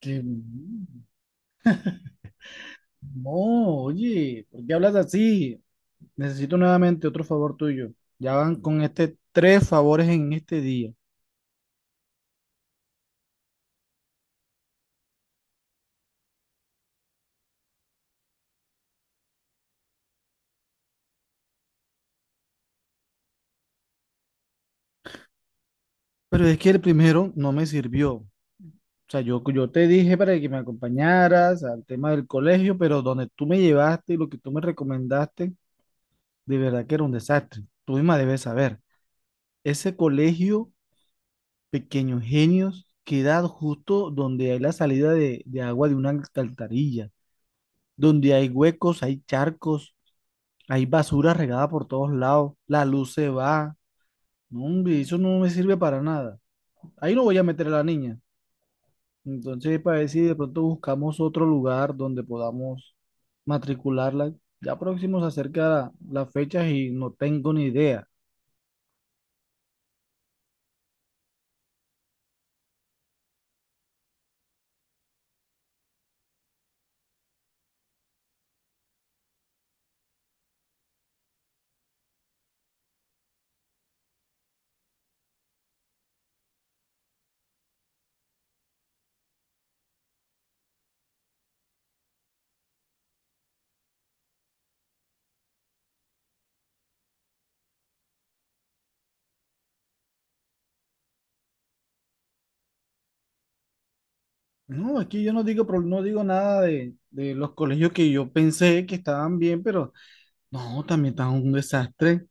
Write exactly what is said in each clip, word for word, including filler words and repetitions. Que No, oye, ¿por qué hablas así? Necesito nuevamente otro favor tuyo. Ya van con este tres favores en este día. Pero es que el primero no me sirvió. O sea, yo, yo te dije para que me acompañaras al tema del colegio, pero donde tú me llevaste y lo que tú me recomendaste, de verdad que era un desastre. Tú misma debes saber. Ese colegio, Pequeños Genios, queda justo donde hay la salida de, de agua de una alcantarilla, donde hay huecos, hay charcos, hay basura regada por todos lados, la luz se va. No, hombre, eso no me sirve para nada. Ahí no voy a meter a la niña. Entonces, para ver si de pronto buscamos otro lugar donde podamos matricularla. Ya próximo se acerca la- las fechas y no tengo ni idea. No, aquí yo no digo, pro- no digo nada de, de los colegios que yo pensé que estaban bien, pero no, también están un desastre.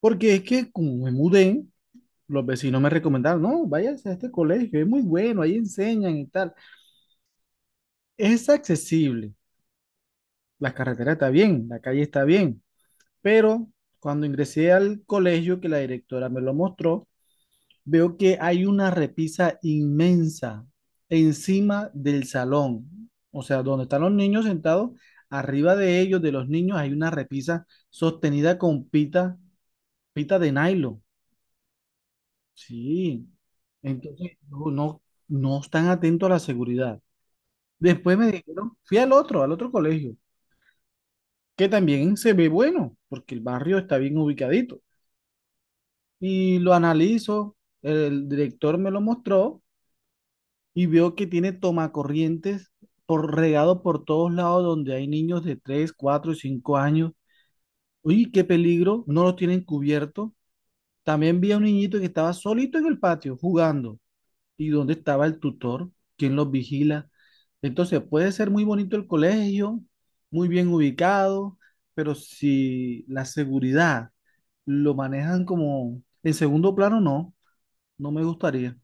Porque es que como me mudé, los vecinos me recomendaron, no, váyase a este colegio, es muy bueno, ahí enseñan y tal. Es accesible, la carretera está bien, la calle está bien, pero cuando ingresé al colegio que la directora me lo mostró, veo que hay una repisa inmensa encima del salón, o sea, donde están los niños sentados, arriba de ellos, de los niños, hay una repisa sostenida con pita, pita de nylon. Sí, entonces no, no, no están atentos a la seguridad. Después me dijeron, fui al otro, al otro colegio, que también se ve bueno, porque el barrio está bien ubicadito. Y lo analizo, el director me lo mostró y veo que tiene tomacorrientes por regado por todos lados donde hay niños de tres cuatro y cinco años. Uy, qué peligro, no los tienen cubierto. También vi a un niñito que estaba solito en el patio jugando. ¿Y dónde estaba el tutor? ¿Quién los vigila? Entonces puede ser muy bonito el colegio, muy bien ubicado, pero si la seguridad lo manejan como en segundo plano, no, no me gustaría.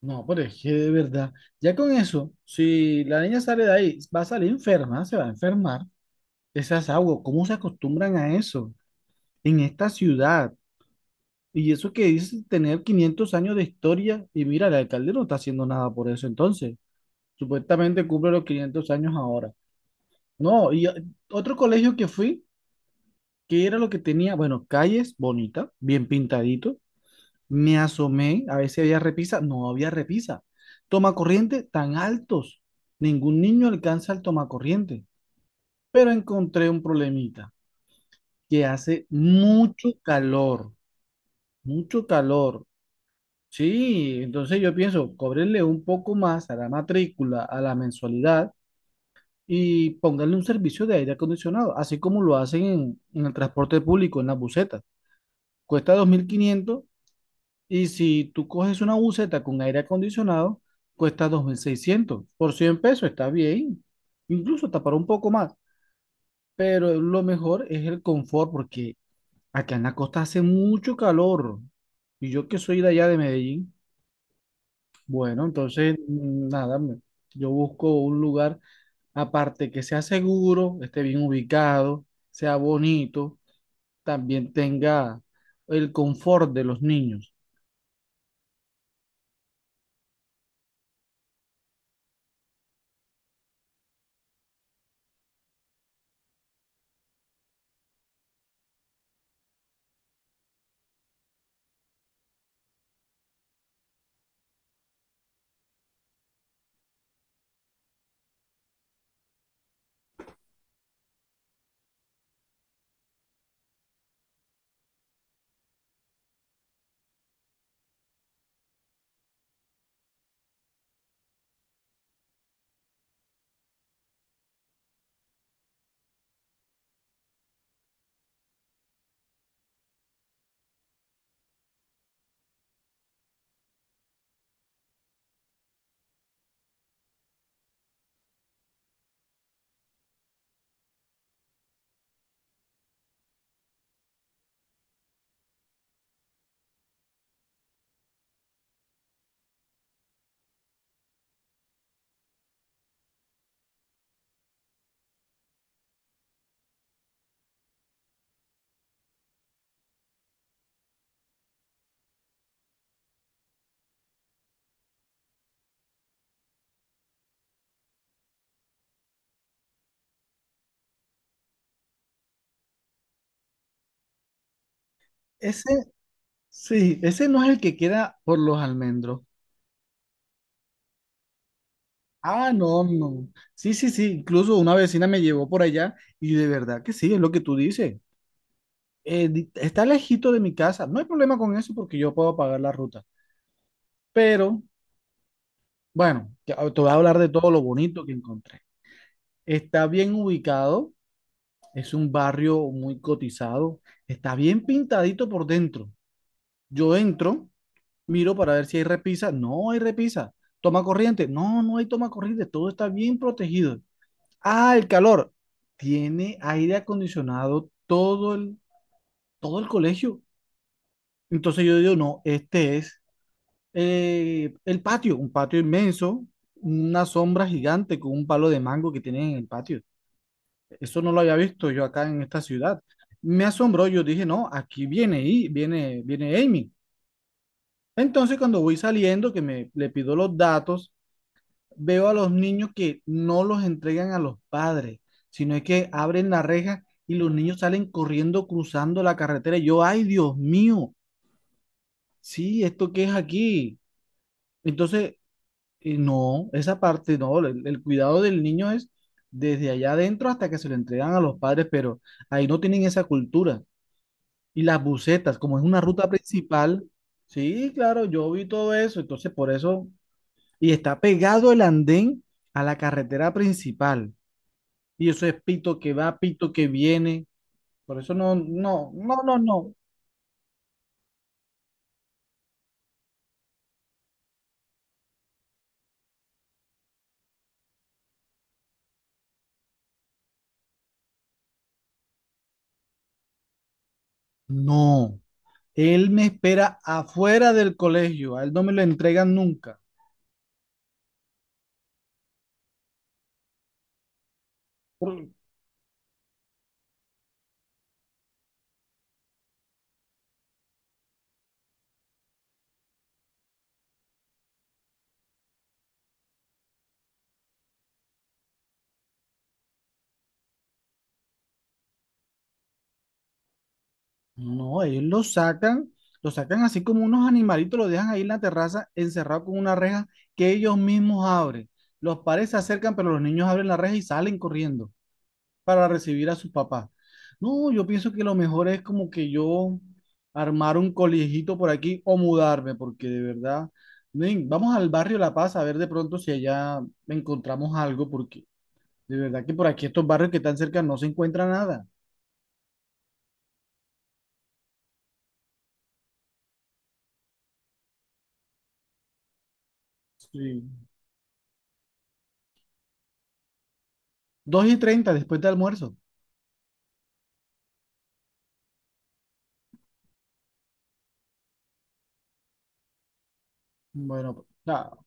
No, pero es que de verdad, ya con eso, si la niña sale de ahí, va a salir enferma, se va a enfermar. Esas aguas, ¿cómo se acostumbran a eso en esta ciudad? Y eso que dice tener quinientos años de historia, y mira, el alcalde no está haciendo nada por eso entonces. Supuestamente cumple los quinientos años ahora. No, y eh, otro colegio que fui, que era lo que tenía, bueno, calles bonitas, bien pintaditos. Me asomé a ver si había repisa. No había repisa. Tomacorriente tan altos. Ningún niño alcanza el tomacorriente. Pero encontré un problemita, que hace mucho calor, mucho calor. Sí, entonces yo pienso, cóbrenle un poco más a la matrícula, a la mensualidad y pónganle un servicio de aire acondicionado, así como lo hacen en, en el transporte público, en las busetas. Cuesta dos mil quinientos. Y si tú coges una buseta con aire acondicionado, cuesta dos mil seiscientos. Por cien pesos está bien. Incluso hasta para un poco más. Pero lo mejor es el confort porque acá en la costa hace mucho calor. Y yo que soy de allá de Medellín, bueno, entonces mm, nada, me- yo busco un lugar aparte que sea seguro, esté bien ubicado, sea bonito, también tenga el confort de los niños. Ese Sí, ese no es el que queda por los almendros. Ah, no, no. Sí, sí, sí. Incluso una vecina me llevó por allá y de verdad que sí, es lo que tú dices. Eh, di- está lejito de mi casa. No hay problema con eso porque yo puedo pagar la ruta. Pero, bueno, te te voy a hablar de todo lo bonito que encontré. Está bien ubicado, es un barrio muy cotizado, está bien pintadito por dentro. Yo entro. Miro para ver si hay repisa. No hay repisa. Toma corriente. No, no hay toma corriente. Todo está bien protegido. Ah, el calor. Tiene aire acondicionado todo el, todo el colegio. Entonces yo digo, no, este es eh, el patio, un patio inmenso, una sombra gigante con un palo de mango que tienen en el patio. Eso no lo había visto yo acá en esta ciudad. Me asombró, yo dije, no, aquí viene y viene, viene Amy. Entonces cuando voy saliendo, que me le pido los datos, veo a los niños que no los entregan a los padres, sino es que abren la reja y los niños salen corriendo, cruzando la carretera. Y yo, ay, Dios mío, sí, ¿esto qué es aquí? Entonces, eh, no, esa parte no, el, el cuidado del niño es desde allá adentro hasta que se lo entregan a los padres, pero ahí no tienen esa cultura. Y las busetas, como es una ruta principal, sí, claro, yo vi todo eso, entonces por eso, y está pegado el andén a la carretera principal. Y eso es pito que va, pito que viene. Por eso no, no, no, no, no. No, él me espera afuera del colegio. A él no me lo entregan nunca. Por- No, ellos lo sacan, lo sacan así como unos animalitos, lo dejan ahí en la terraza encerrado con una reja que ellos mismos abren. Los padres se acercan, pero los niños abren la reja y salen corriendo para recibir a sus papás. No, yo pienso que lo mejor es como que yo armar un colegito por aquí o mudarme, porque de verdad, ven, vamos al barrio La Paz a ver de pronto si allá encontramos algo, porque de verdad que por aquí estos barrios que están cerca no se encuentra nada. Sí. Dos y treinta después de almuerzo. Bueno, pues,